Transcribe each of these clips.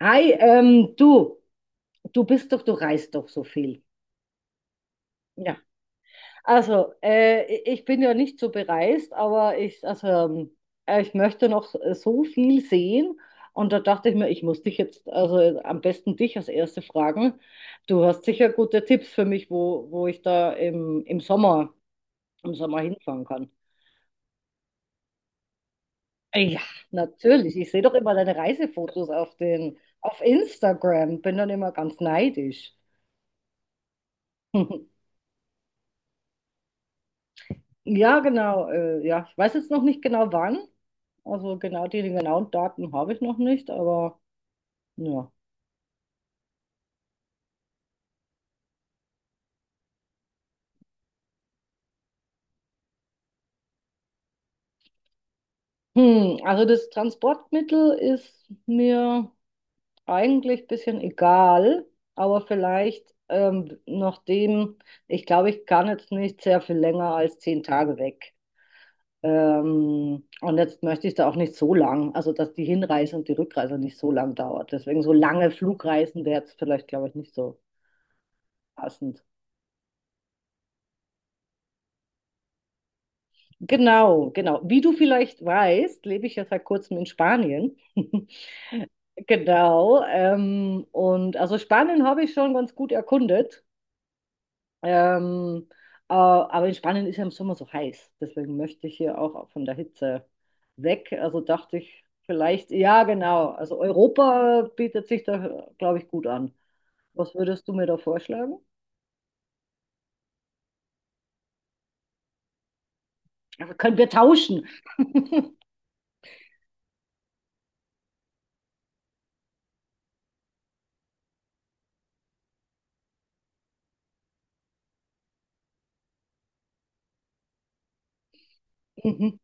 Hi, du du reist doch so viel. Ja, also ich bin ja nicht so bereist, aber ich, also, ich möchte noch so viel sehen. Und da dachte ich mir, ich muss dich jetzt, also am besten dich als Erste fragen. Du hast sicher gute Tipps für mich, wo ich da im im Sommer hinfahren kann. Ja, natürlich, ich sehe doch immer deine Reisefotos auf auf Instagram, bin dann immer ganz neidisch. Ja, genau. Ja, ich weiß jetzt noch nicht genau wann. Also genau die genauen Daten habe ich noch nicht, aber ja. Hm, also das Transportmittel ist mir eigentlich ein bisschen egal, aber vielleicht nachdem, ich glaube, ich kann jetzt nicht sehr viel länger als 10 Tage weg. Und jetzt möchte ich da auch nicht so lang, also dass die Hinreise und die Rückreise nicht so lang dauert. Deswegen so lange Flugreisen wäre jetzt vielleicht, glaube ich, nicht so passend. Genau, genau. Wie du vielleicht weißt, lebe ich ja seit kurzem in Spanien. Genau. Und also Spanien habe ich schon ganz gut erkundet. Ähm, aber in Spanien ist ja im Sommer so heiß. Deswegen möchte ich hier auch von der Hitze weg. Also dachte ich vielleicht, ja, genau. Also Europa bietet sich da, glaube ich, gut an. Was würdest du mir da vorschlagen? Also können wir tauschen?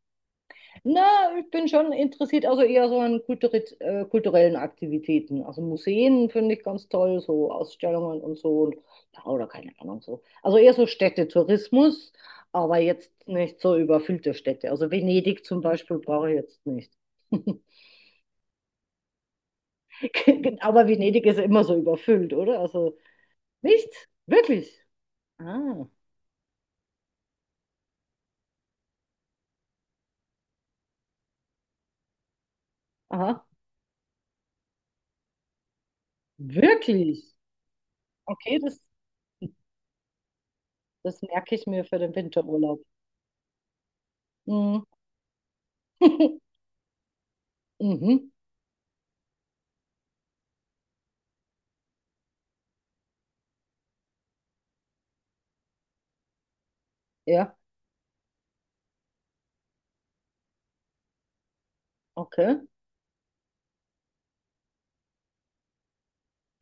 Na, ich bin schon interessiert, also eher so an kulturellen Aktivitäten. Also Museen finde ich ganz toll, so Ausstellungen und so. Und, ja, oder keine Ahnung so. Also eher so Städtetourismus, aber jetzt nicht so überfüllte Städte. Also Venedig zum Beispiel brauche ich jetzt nicht. Aber Venedig ist immer so überfüllt, oder? Also nicht? Wirklich? Ah, aha, wirklich. Okay, das merke ich mir für den Winterurlaub. Mhm. Mhm. Ja, okay.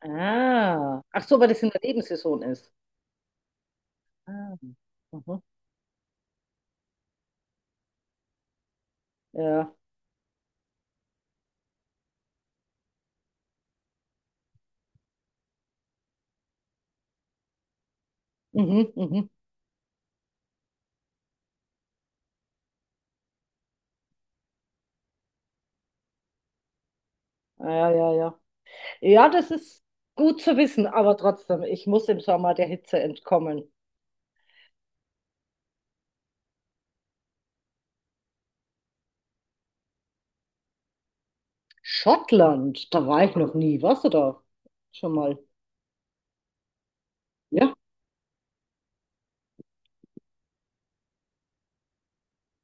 Ah. Ach so, weil das in der Nebensaison ist. Ah. Mhm. Ja. Mhm, mhm. Ah, ja, ja, ja. Ja, das ist gut zu wissen, aber trotzdem, ich muss im Sommer der Hitze entkommen. Schottland, da war ich noch nie. Warst du da? Schon mal. Ja,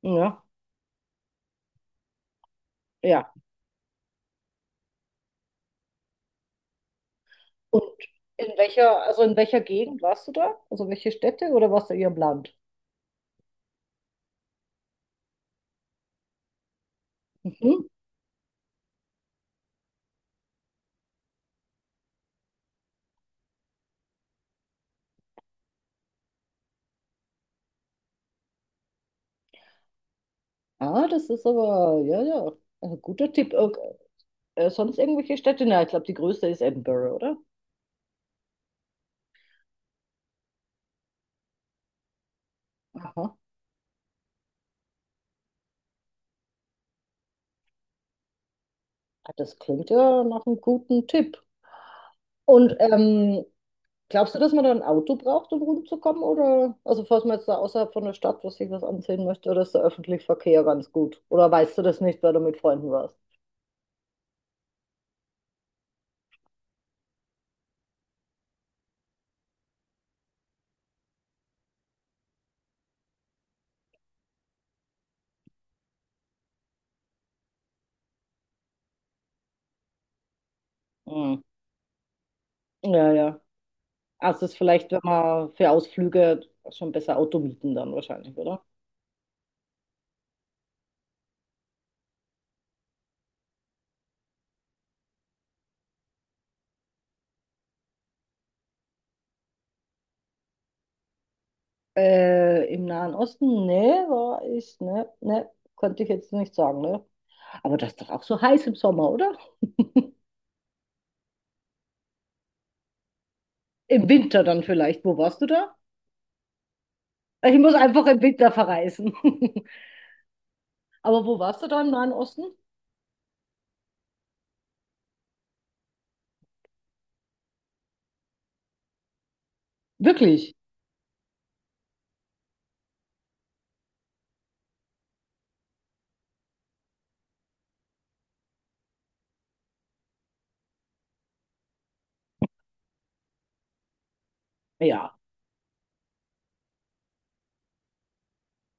ja, ja. Und also in welcher Gegend warst du da? Also welche Städte oder warst du eher im Land? Mhm. Ah, das ist aber, ja, ja, ein guter Tipp. Sonst irgendwelche Städte? Na, ich glaube, die größte ist Edinburgh, oder? Aha. Ah, das klingt ja nach einem guten Tipp. Und glaubst du, dass man da ein Auto braucht, um rumzukommen? Oder, also falls man jetzt da außerhalb von der Stadt was sich was ansehen möchte, oder ist der öffentliche Verkehr ganz gut? Oder weißt du das nicht, weil du mit Freunden warst? Hm. Ja, ja. Also es ist vielleicht, wenn man für Ausflüge schon besser Auto mieten dann wahrscheinlich, oder? Im Nahen Osten? Nee, war ich, ne, ne, konnte ich jetzt nicht sagen, ne? Aber das ist doch auch so heiß im Sommer, oder? Im Winter dann vielleicht. Wo warst du da? Ich muss einfach im Winter verreisen. Aber wo warst du da im Nahen Osten? Wirklich? Ja.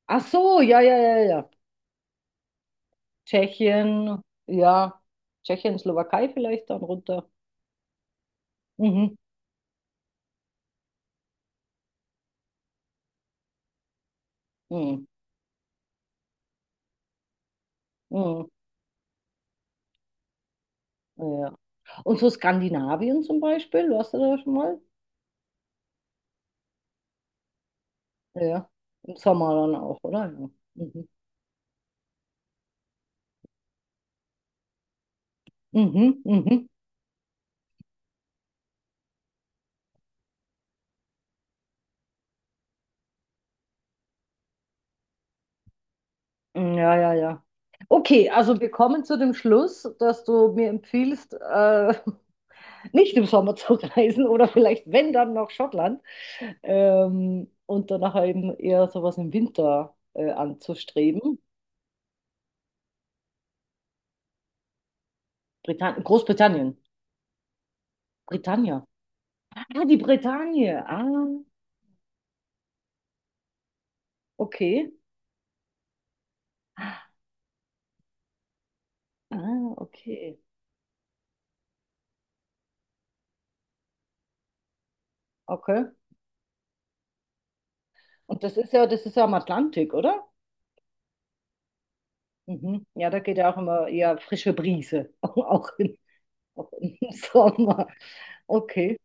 Ach so, ja, ja, ja, ja. Tschechien, ja. Tschechien, Slowakei vielleicht dann runter. Mhm. Mhm. Mhm. Ja, ja. Und so Skandinavien zum Beispiel, warst du da schon mal? Ja. Im Sommer dann auch, oder? Ja. Mhm. Mhm. Mhm. Mhm. Ja, ja, ja. Okay, also wir kommen zu dem Schluss, dass du mir empfiehlst, nicht im Sommer zu reisen oder vielleicht, wenn dann, nach Schottland und danach eben eher sowas im Winter anzustreben. Britann Großbritannien. Britannia. Ah, die Bretagne. Ah, okay. Ah, okay. Okay. Und das ist ja am Atlantik, oder? Mhm. Ja, da geht ja auch immer eher frische Brise, auch im Sommer. Okay.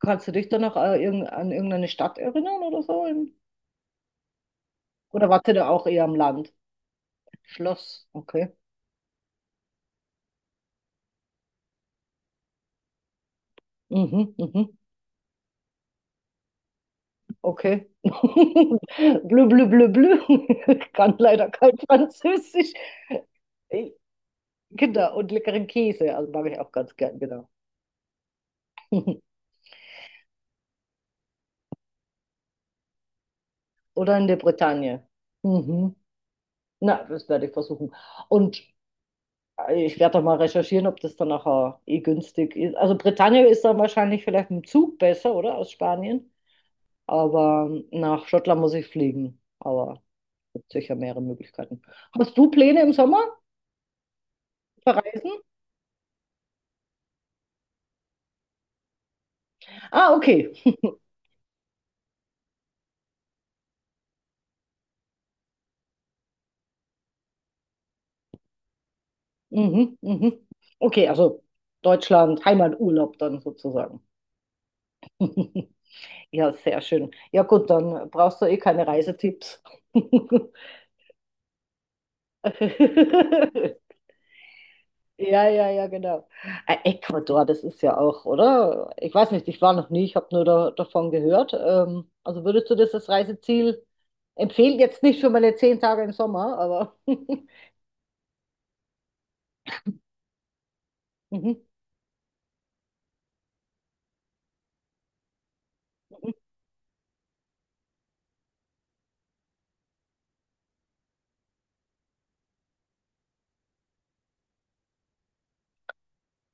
Kannst du dich dann noch an irgendeine Stadt erinnern oder so? Oder warst du da auch eher am Land? Schloss, okay. Mhm, mhm, okay. Blö, blö, blö, blö. Kann leider kein Französisch. Äh, Genau, und leckeren Käse, also mag ich auch ganz gern, genau. Oder in der Bretagne. Mhm. Na, das werde ich versuchen. Und ich werde doch mal recherchieren, ob das dann nachher eh günstig ist. Also Bretagne ist dann wahrscheinlich vielleicht mit dem Zug besser, oder? Aus Spanien. Aber nach Schottland muss ich fliegen. Aber es gibt sicher mehrere Möglichkeiten. Hast du Pläne im Sommer verreisen? Ah, okay. Mhm, mhm. Okay, also Deutschland, Heimaturlaub dann sozusagen. Ja, sehr schön. Ja, gut, dann brauchst du eh keine Reisetipps. Ja, ja, ja, genau. Ecuador, das ist ja auch, oder? Ich weiß nicht, ich war noch nie, ich habe nur da, davon gehört. Also würdest du das als Reiseziel empfehlen? Jetzt nicht für meine 10 Tage im Sommer, aber. Mhm. Mhm.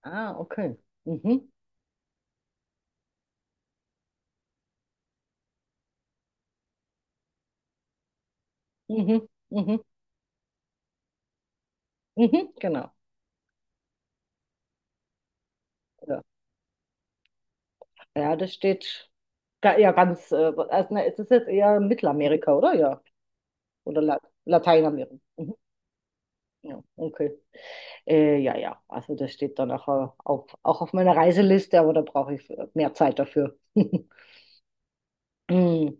Ah, okay. Mhm. Mhm. Mhm. Mhm. Genau. Ja. Ja, das steht ja ganz, also, ne, es ist jetzt eher Mittelamerika, oder? Ja. Oder La Lateinamerika. Mhm. Ja, okay. Ja, ja. Also das steht dann auch, auch auf meiner Reiseliste, aber da brauche ich mehr Zeit dafür. Hm.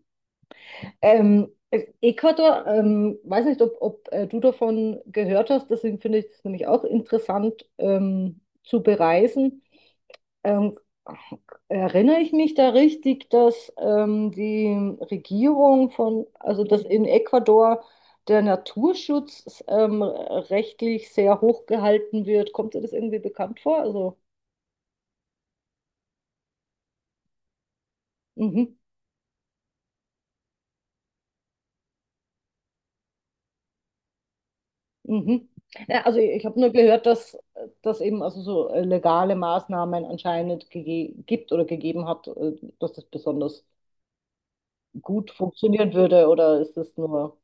Ecuador, weiß nicht, ob du davon gehört hast, deswegen finde ich es nämlich auch interessant zu bereisen. Ähm, erinnere ich mich da richtig, dass die Regierung also dass in Ecuador der Naturschutz rechtlich sehr hoch gehalten wird? Kommt dir das irgendwie bekannt vor? Also, mhm, mhm. Ja, also ich habe nur gehört, dass das eben also so legale Maßnahmen anscheinend gibt oder gegeben hat, dass das besonders gut funktionieren würde, oder ist das nur...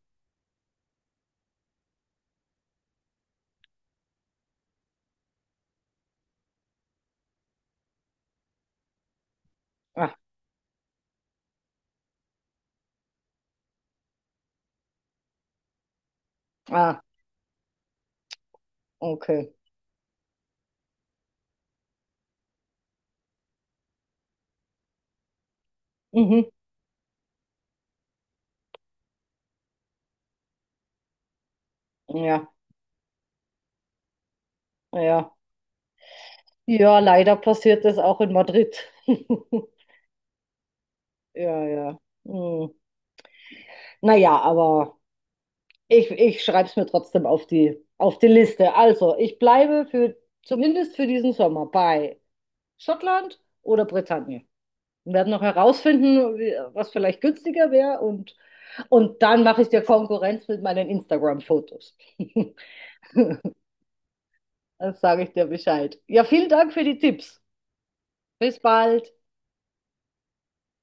Ah, ah, okay. Mhm. Ja, ja. Ja, leider passiert das auch in Madrid. Ja, ja. Hm. Naja, aber ich schreibe es mir trotzdem auf die Liste. Also, ich bleibe für zumindest für diesen Sommer bei Schottland oder Bretagne. Wir werden noch herausfinden, was vielleicht günstiger wäre und, dann mache ich dir Konkurrenz mit meinen Instagram-Fotos. Dann sage ich dir Bescheid. Ja, vielen Dank für die Tipps. Bis bald.